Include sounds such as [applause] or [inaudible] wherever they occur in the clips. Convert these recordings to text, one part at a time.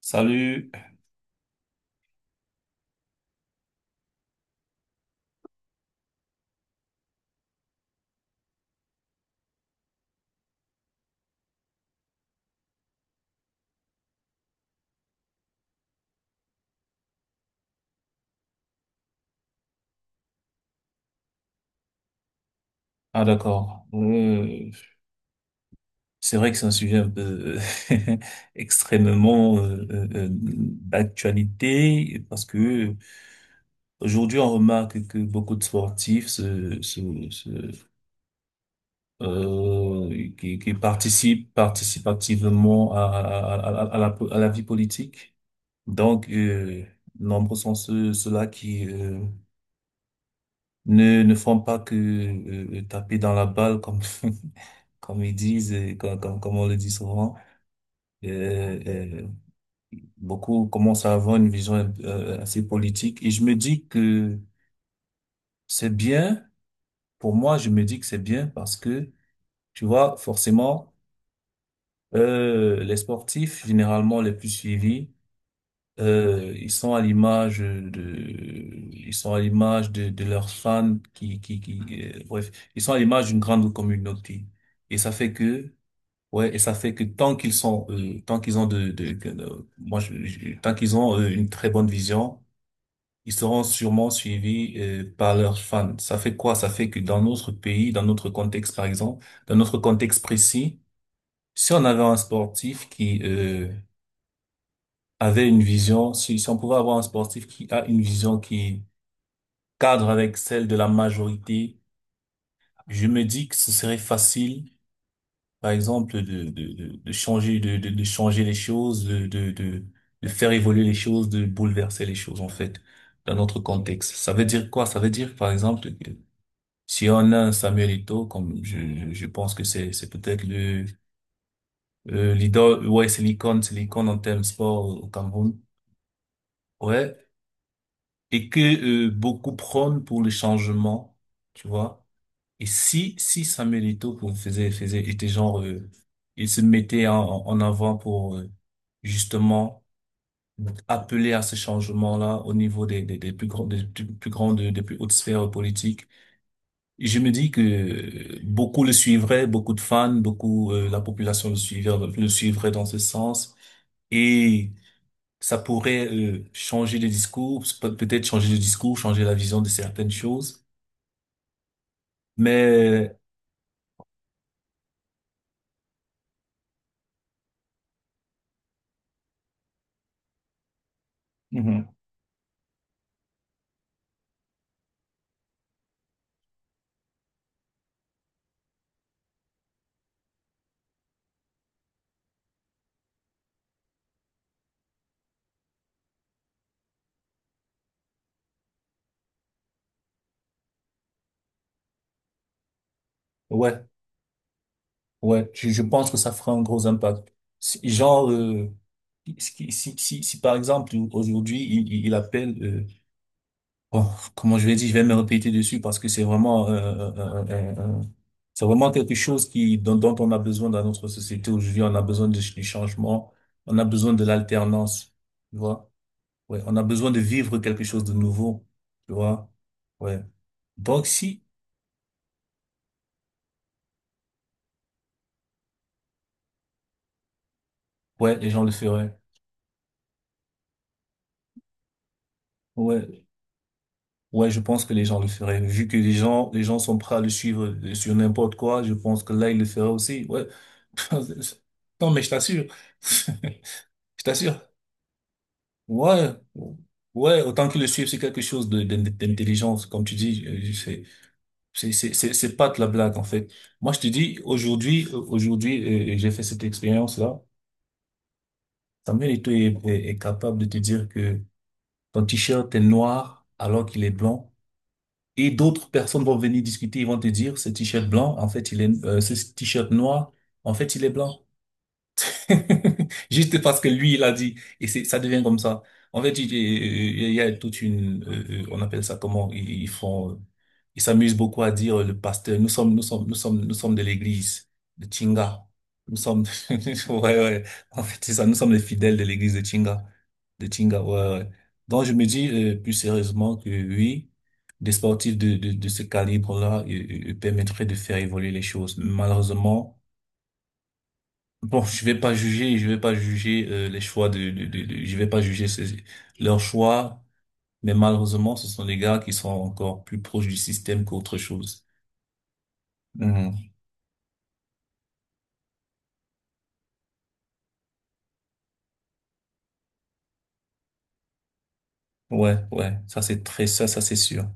Salut. Ah d'accord. C'est vrai que c'est un sujet un peu [laughs] extrêmement d'actualité parce que aujourd'hui on remarque que beaucoup de sportifs qui participent activement à la vie politique. Donc euh, Nombreux sont ceux-là qui ne font pas que taper dans la balle comme [laughs] comme ils disent et comme on le dit souvent. Euh, euh, Beaucoup commencent à avoir une vision assez politique et je me dis que c'est bien. Pour moi, je me dis que c'est bien parce que tu vois forcément les sportifs généralement les plus suivis. Ils sont à l'image de leurs fans qui, bref, ils sont à l'image d'une grande communauté. Et ça fait que, ouais, et ça fait que tant qu'ils ont de, que- de- moi, je- tant qu'ils ont une très bonne vision, ils seront sûrement suivis par leurs fans. Ça fait quoi? Ça fait que dans notre pays, dans notre contexte, par exemple, dans notre contexte précis, si on avait un sportif qui, avait une vision, si, si on pouvait avoir un sportif qui a une vision qui cadre avec celle de la majorité, je me dis que ce serait facile, par exemple, de changer, de changer les choses, de faire évoluer les choses, de bouleverser les choses, en fait, dans notre contexte. Ça veut dire quoi? Ça veut dire, par exemple, que si on a un Samuel Eto'o, comme je pense que c'est peut-être l'idole, ouais, c'est l'icône en termes sport au Cameroun. Ouais, et que beaucoup prônent pour le changement, tu vois. Et si Samuel Eto'o pour- faisait faisait était genre il se mettait en avant pour justement appeler à ce changement-là au niveau des plus grandes des plus plus grandes des plus hautes sphères politiques. Et je me dis que beaucoup le suivraient, beaucoup de fans, beaucoup la population le suivrait dans ce sens. Et ça pourrait changer les discours, peut-être changer le discours, changer la vision de certaines choses. Mais mhm, ouais, ouais, je pense que ça fera un gros impact. Si- Genre, euh, si par exemple aujourd'hui il appelle, bon, comment je vais dire, je vais me répéter dessus parce que c'est vraiment, c'est vraiment quelque chose qui dont, dont on a besoin dans notre société aujourd'hui. On a besoin du changement, on a besoin de l'alternance, tu vois. Ouais, on a besoin de vivre quelque chose de nouveau, tu vois. Ouais. Donc si, ouais, les gens le feraient. Ouais, ouais, je pense que les gens le feraient. Vu que les gens sont prêts à le suivre sur n'importe quoi, je pense que là, ils le feraient aussi. Ouais. [laughs] Non, mais je t'assure. [laughs] Je t'assure. Ouais. Ouais, autant qu'ils le suivent, c'est quelque chose d'intelligence, comme tu dis. Je sais. C'est pas de la blague, en fait. Moi, je te dis, aujourd'hui, j'ai fait cette expérience-là. Samuel Eto'o est capable de te dire que ton t-shirt est noir alors qu'il est blanc. Et d'autres personnes vont venir discuter, ils vont te dire, ce t-shirt blanc, en fait, il est, ce t-shirt noir, en fait, il est blanc. [laughs] Juste parce que lui, il a dit. Et c'est, ça devient comme ça. En fait, il y a toute une, on appelle ça comment, ils font, ils s'amusent beaucoup à dire, le pasteur, nous sommes de l'église de Chinga. Nous sommes, [laughs] ouais, ouais. En fait, c'est ça, nous sommes les fidèles de l'église de Chinga. De Chinga, ouais, ouais. Donc, je me dis, plus sérieusement que oui, des sportifs de ce calibre-là, permettraient de faire évoluer les choses. Malheureusement, bon, je vais pas juger, je vais pas juger les choix je vais pas juger leurs choix, mais malheureusement, ce sont des gars qui sont encore plus proches du système qu'autre chose. Mhm. Ouais, ouais, ça c'est sûr.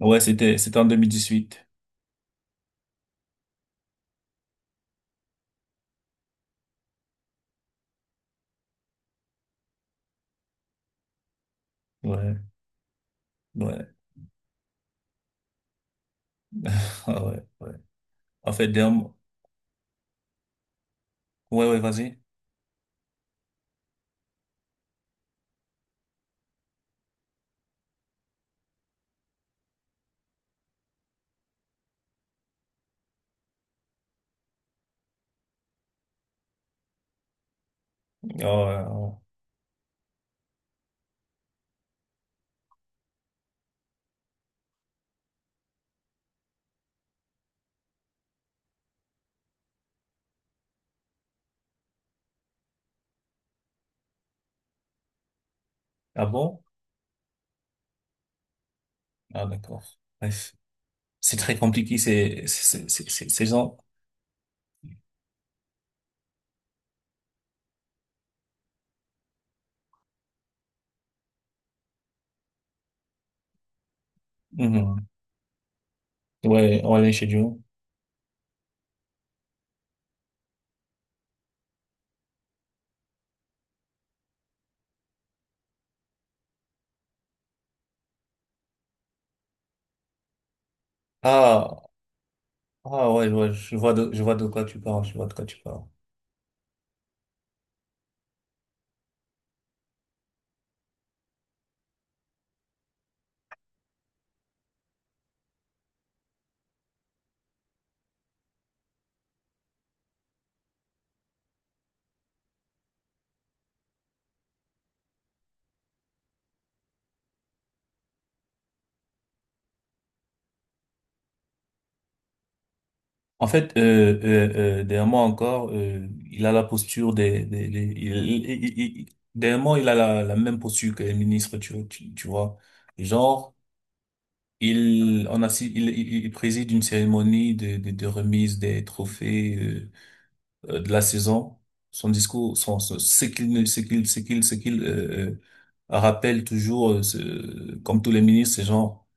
Ouais, c'était en 2018. Ouais, ouais, [laughs] ah ouais, ouais. En fait, derm... ouais, ouais, vas-y. Ah ouais, ouais. Ah bon? Ah d'accord. Bref. C'est très compliqué, c'est genre, mhm. Ouais, ouais, chez Dieu. Ah, ah ouais, ouais, je vois je vois de quoi tu parles, je vois de quoi tu parles. En fait, derrière moi encore, il a la posture derrière moi, il a la, la même posture que les ministres, tu vois. Genre, il, il préside une cérémonie de remise des trophées de la saison. Son discours, son, son- ce qu'il, ne- ce qu'il, ce qu'il, ce qu'il rappelle toujours, comme tous les ministres, c'est genre,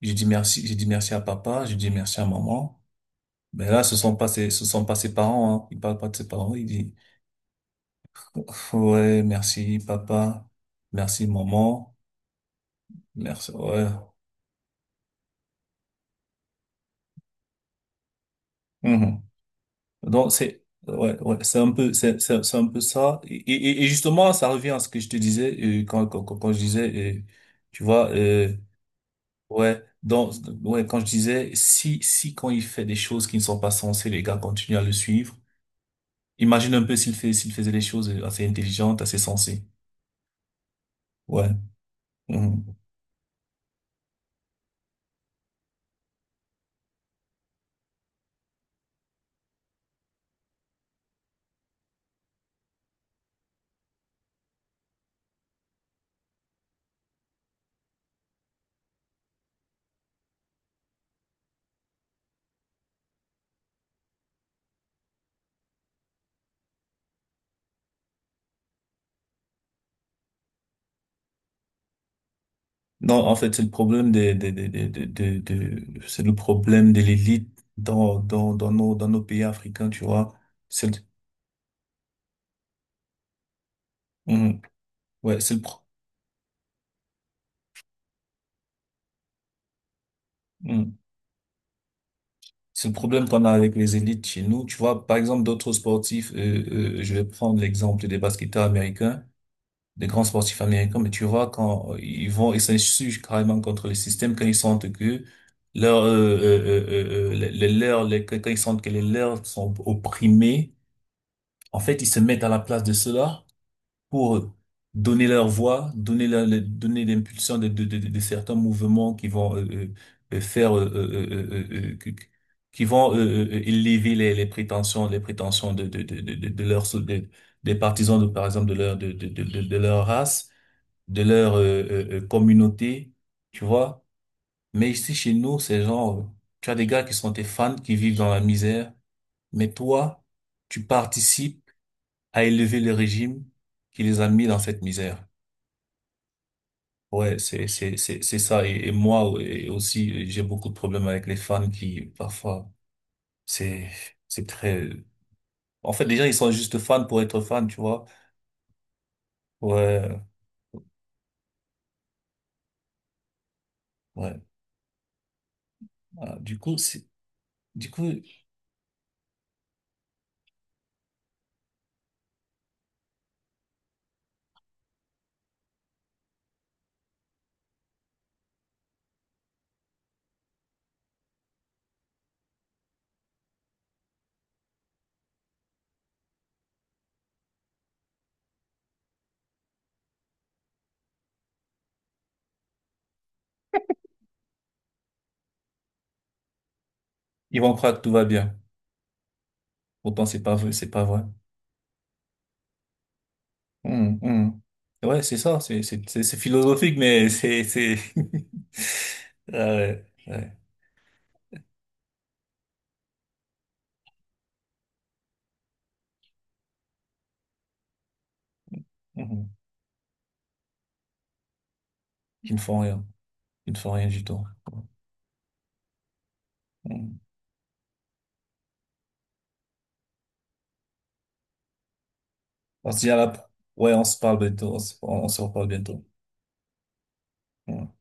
j'ai dit merci à papa, j'ai dit merci à maman. Mais là, ce sont pas ses parents. Hein. Il parle pas de ses parents. Il dit, ouais, merci papa, merci maman, merci. Ouais. Mhm. Donc c'est ouais ouais c'est un peu ça et, et justement ça revient à ce que je te disais quand je disais tu vois ouais donc ouais quand je disais si quand il fait des choses qui ne sont pas sensées les gars continuent à le suivre imagine un peu s'il faisait des choses assez intelligentes assez sensées ouais. Mhm. Non en fait c'est le problème c'est le problème de l'élite dans nos pays africains tu vois c'est mhm, ouais mhm. C'est le problème qu'on a avec les élites chez nous. Tu vois, par exemple, d'autres sportifs, je vais prendre l'exemple des basketteurs américains, des grands sportifs américains, mais tu vois, quand ils vont, ils s'insurgent carrément contre le système quand ils sentent que leur, les leurs, les- quand ils sentent que les leurs sont opprimés, en fait, ils se mettent à la place de ceux-là pour donner leur voix, donner l'impulsion de certains mouvements qui vont faire , qui qui vont élever les prétentions de des partisans de par exemple de leur de leur race, de leur communauté, tu vois. Mais ici chez nous, c'est genre tu as des gars qui sont tes fans qui vivent dans la misère, mais toi, tu participes à élever le régime qui les a mis dans cette misère. Ouais, c'est ça et moi et aussi j'ai beaucoup de problèmes avec les fans qui parfois c'est c'est très en fait les gens ils sont juste fans pour être fans tu vois ouais ouais. Ah, du coup c'est du coup ils vont croire que tout va bien pourtant c'est pas vrai. Hum, hum. Ouais c'est ça c'est philosophique mais c'est [laughs] ah ouais ouais. Hum. Hum. Ils ne font rien ils ne font rien du tout. Hum. On se dit à la ouais on se parle bientôt on se reparle bientôt. Ouais.